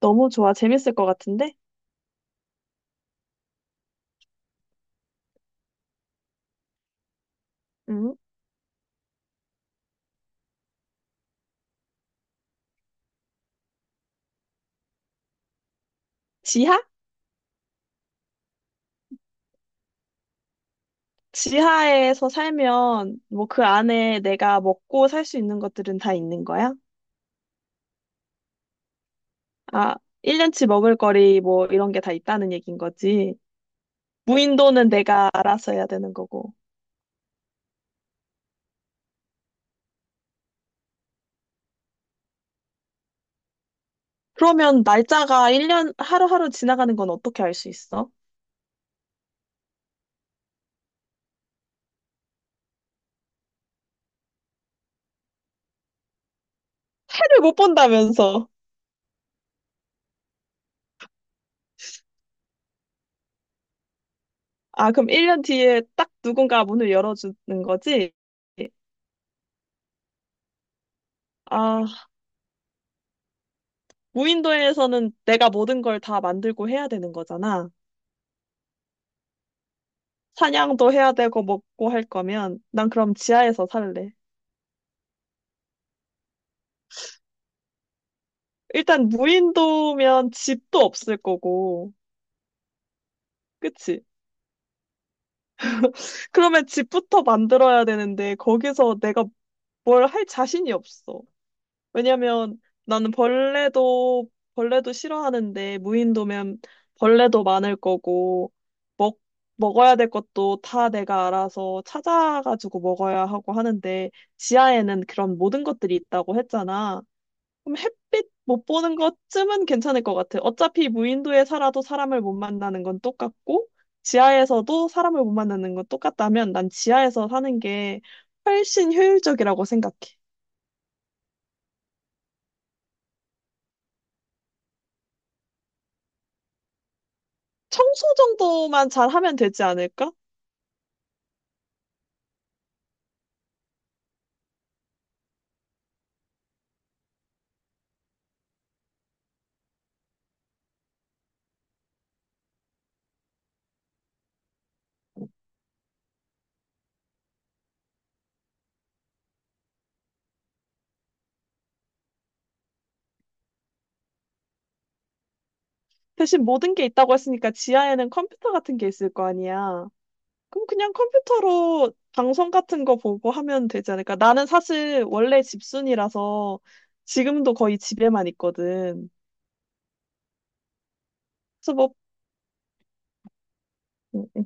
너무 좋아. 재밌을 것 같은데? 응? 지하? 지하에서 살면, 뭐, 그 안에 내가 먹고 살 수 있는 것들은 다 있는 거야? 아, 1년치 먹을 거리, 뭐, 이런 게 다 있다는 얘긴 거지. 무인도는 내가 알아서 해야 되는 거고. 그러면 날짜가 1년, 하루하루 지나가는 건 어떻게 알 수 있어? 해를 못 본다면서. 아, 그럼 1년 뒤에 딱 누군가 문을 열어주는 거지? 아, 무인도에서는 내가 모든 걸 다 만들고 해야 되는 거잖아. 사냥도 해야 되고 먹고 할 거면 난 그럼 지하에서 살래. 일단 무인도면 집도 없을 거고, 그치? 그러면 집부터 만들어야 되는데 거기서 내가 뭘 할 자신이 없어. 왜냐면 나는 벌레도 싫어하는데 무인도면 벌레도 많을 거고 먹 먹어야 될 것도 다 내가 알아서 찾아가지고 먹어야 하고 하는데 지하에는 그런 모든 것들이 있다고 했잖아. 그럼 햇빛 못 보는 것쯤은 괜찮을 것 같아. 어차피 무인도에 살아도 사람을 못 만나는 건 똑같고, 지하에서도 사람을 못 만나는 건 똑같다면 난 지하에서 사는 게 훨씬 효율적이라고 생각해. 청소 정도만 잘하면 되지 않을까? 대신 모든 게 있다고 했으니까 지하에는 컴퓨터 같은 게 있을 거 아니야. 그럼 그냥 컴퓨터로 방송 같은 거 보고 하면 되지 않을까? 나는 사실 원래 집순이라서 지금도 거의 집에만 있거든. 그래서 뭐 음, 음.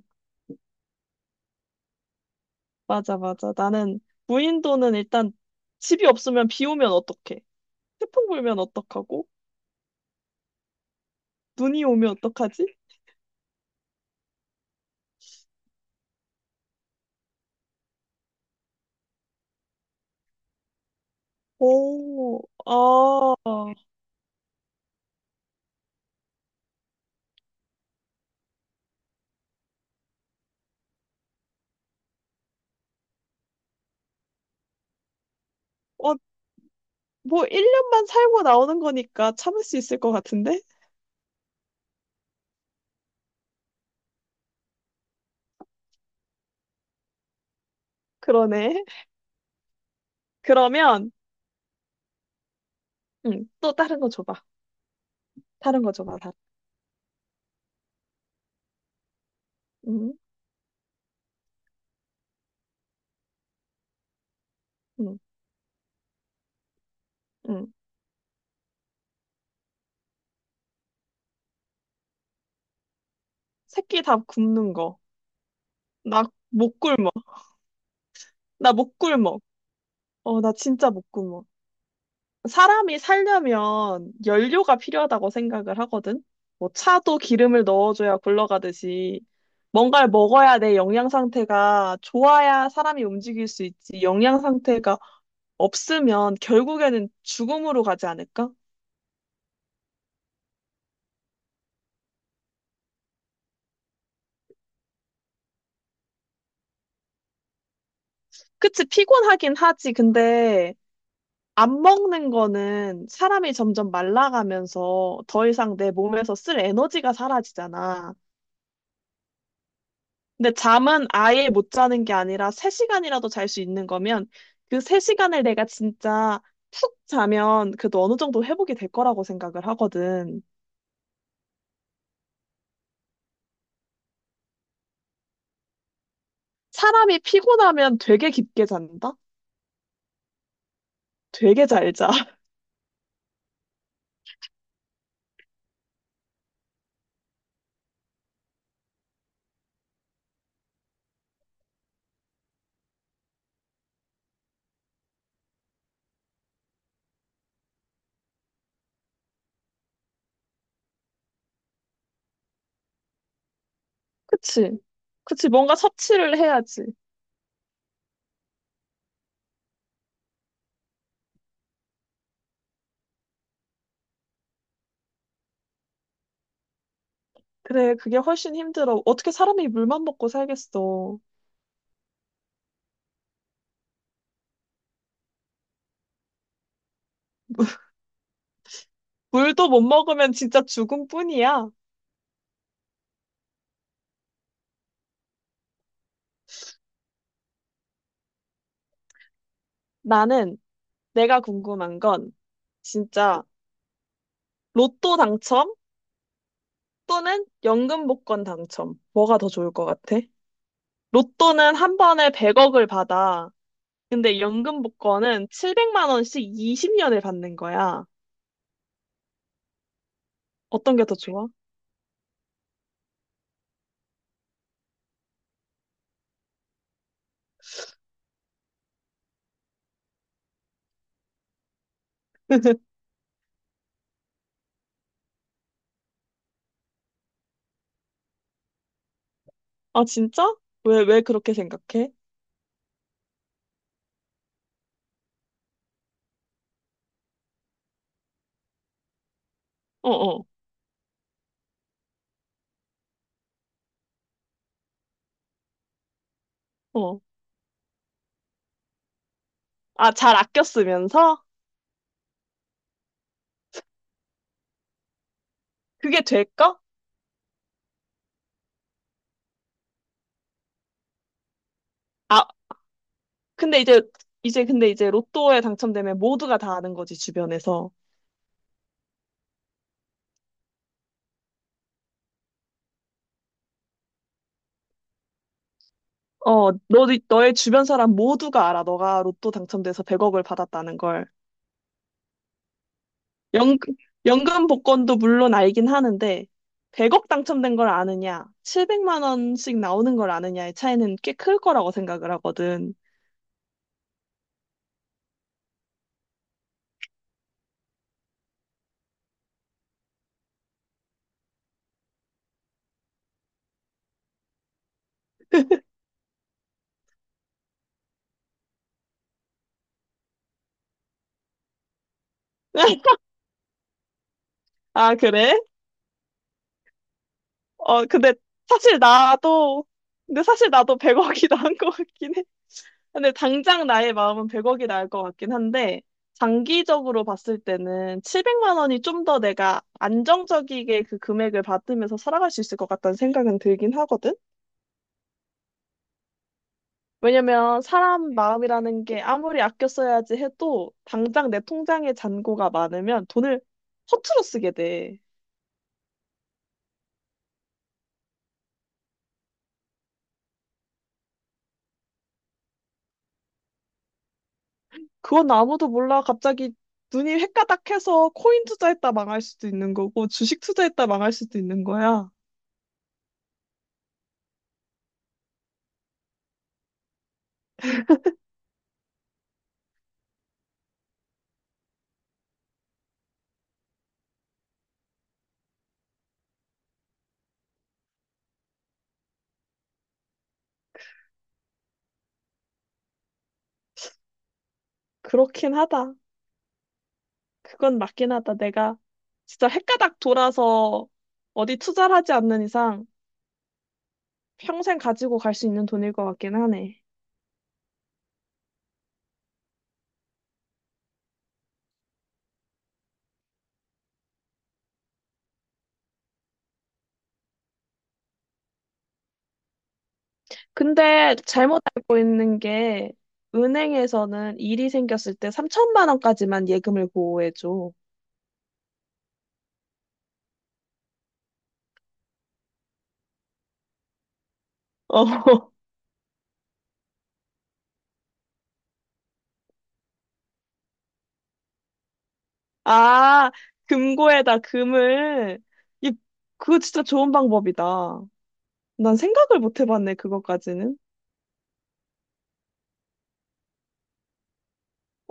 맞아, 맞아. 나는 무인도는 일단 집이 없으면 비 오면 어떡해? 태풍 불면 어떡하고? 눈이 오면 어떡하지? 오, 아, 뭐 1년만 살고 나오는 거니까 참을 수 있을 것 같은데? 그러네. 그러면, 응, 또 다른 거 줘봐. 다른 거 줘봐, 다 응, 응, 응. 새끼 다 굽는 거. 나 못 굶어. 나 못 굶어. 나 진짜 못 굶어. 사람이 살려면 연료가 필요하다고 생각을 하거든. 뭐 차도 기름을 넣어줘야 굴러가듯이 뭔가를 먹어야 내 영양 상태가 좋아야 사람이 움직일 수 있지. 영양 상태가 없으면 결국에는 죽음으로 가지 않을까? 그치, 피곤하긴 하지. 근데 안 먹는 거는 사람이 점점 말라가면서 더 이상 내 몸에서 쓸 에너지가 사라지잖아. 근데 잠은 아예 못 자는 게 아니라 3시간이라도 잘 수 있는 거면 그 3시간을 내가 진짜 푹 자면 그래도 어느 정도 회복이 될 거라고 생각을 하거든. 사람이 피곤하면 되게 깊게 잔다? 되게 잘 자. 그치? 그치, 뭔가 섭취를 해야지. 그래, 그게 훨씬 힘들어. 어떻게 사람이 물만 먹고 살겠어. 물도 못 먹으면 진짜 죽음뿐이야. 나는 내가 궁금한 건 진짜 로또 당첨? 또는 연금 복권 당첨. 뭐가 더 좋을 것 같아? 로또는 한 번에 100억을 받아. 근데 연금 복권은 700만 원씩 20년을 받는 거야. 어떤 게 더 좋아? 아, 진짜? 왜, 왜 그렇게 생각해? 어, 어, 어. 아, 잘 아껴 쓰면서? 그게 될까? 아, 근데 이제, 근데 이제 로또에 당첨되면 모두가 다 아는 거지, 주변에서. 어, 너의 주변 사람 모두가 알아. 너가 로또 당첨돼서 100억을 받았다는 걸. 연, 연금 복권도 물론 알긴 하는데, 100억 당첨된 걸 아느냐, 700만 원씩 나오는 걸 아느냐의 차이는 꽤 클 거라고 생각을 하거든. 아, 그래? 어, 사실 나도, 근데 사실 나도 100억이 나은 것 같긴 해. 근데 당장 나의 마음은 100억이 나을 것 같긴 한데, 장기적으로 봤을 때는 700만 원이 좀 더 내가 안정적이게 그 금액을 받으면서 살아갈 수 있을 것 같다는 생각은 들긴 하거든? 왜냐면 사람 마음이라는 게 아무리 아껴 써야지 해도 당장 내 통장에 잔고가 많으면 돈을 허투루 쓰게 돼. 그건 아무도 몰라. 갑자기 눈이 횟가닥해서 코인 투자했다 망할 수도 있는 거고 주식 투자했다 망할 수도 있는 거야. 그렇긴 하다. 그건 맞긴 하다. 내가 진짜 횟가닥 돌아서 어디 투자를 하지 않는 이상 평생 가지고 갈 수 있는 돈일 것 같긴 하네. 근데 잘못 알고 있는 게 은행에서는 일이 생겼을 때 3천만 원까지만 예금을 보호해줘. 어. 아, 금고에다 금을. 이, 그거 진짜 좋은 방법이다. 난 생각을 못 해봤네, 그거까지는.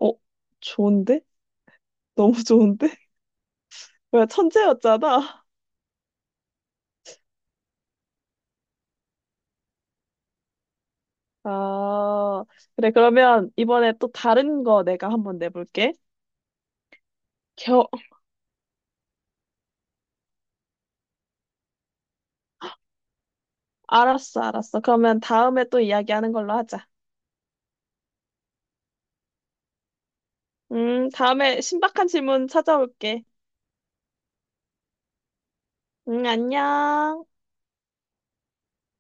어, 좋은데? 너무 좋은데? 뭐야, 천재였잖아. 아, 그래, 그러면 이번에 또 다른 거 내가 한번 내볼게. 겨, 알았어, 알았어. 그러면 다음에 또 이야기하는 걸로 하자. 다음에 신박한 질문 찾아올게. 응, 안녕.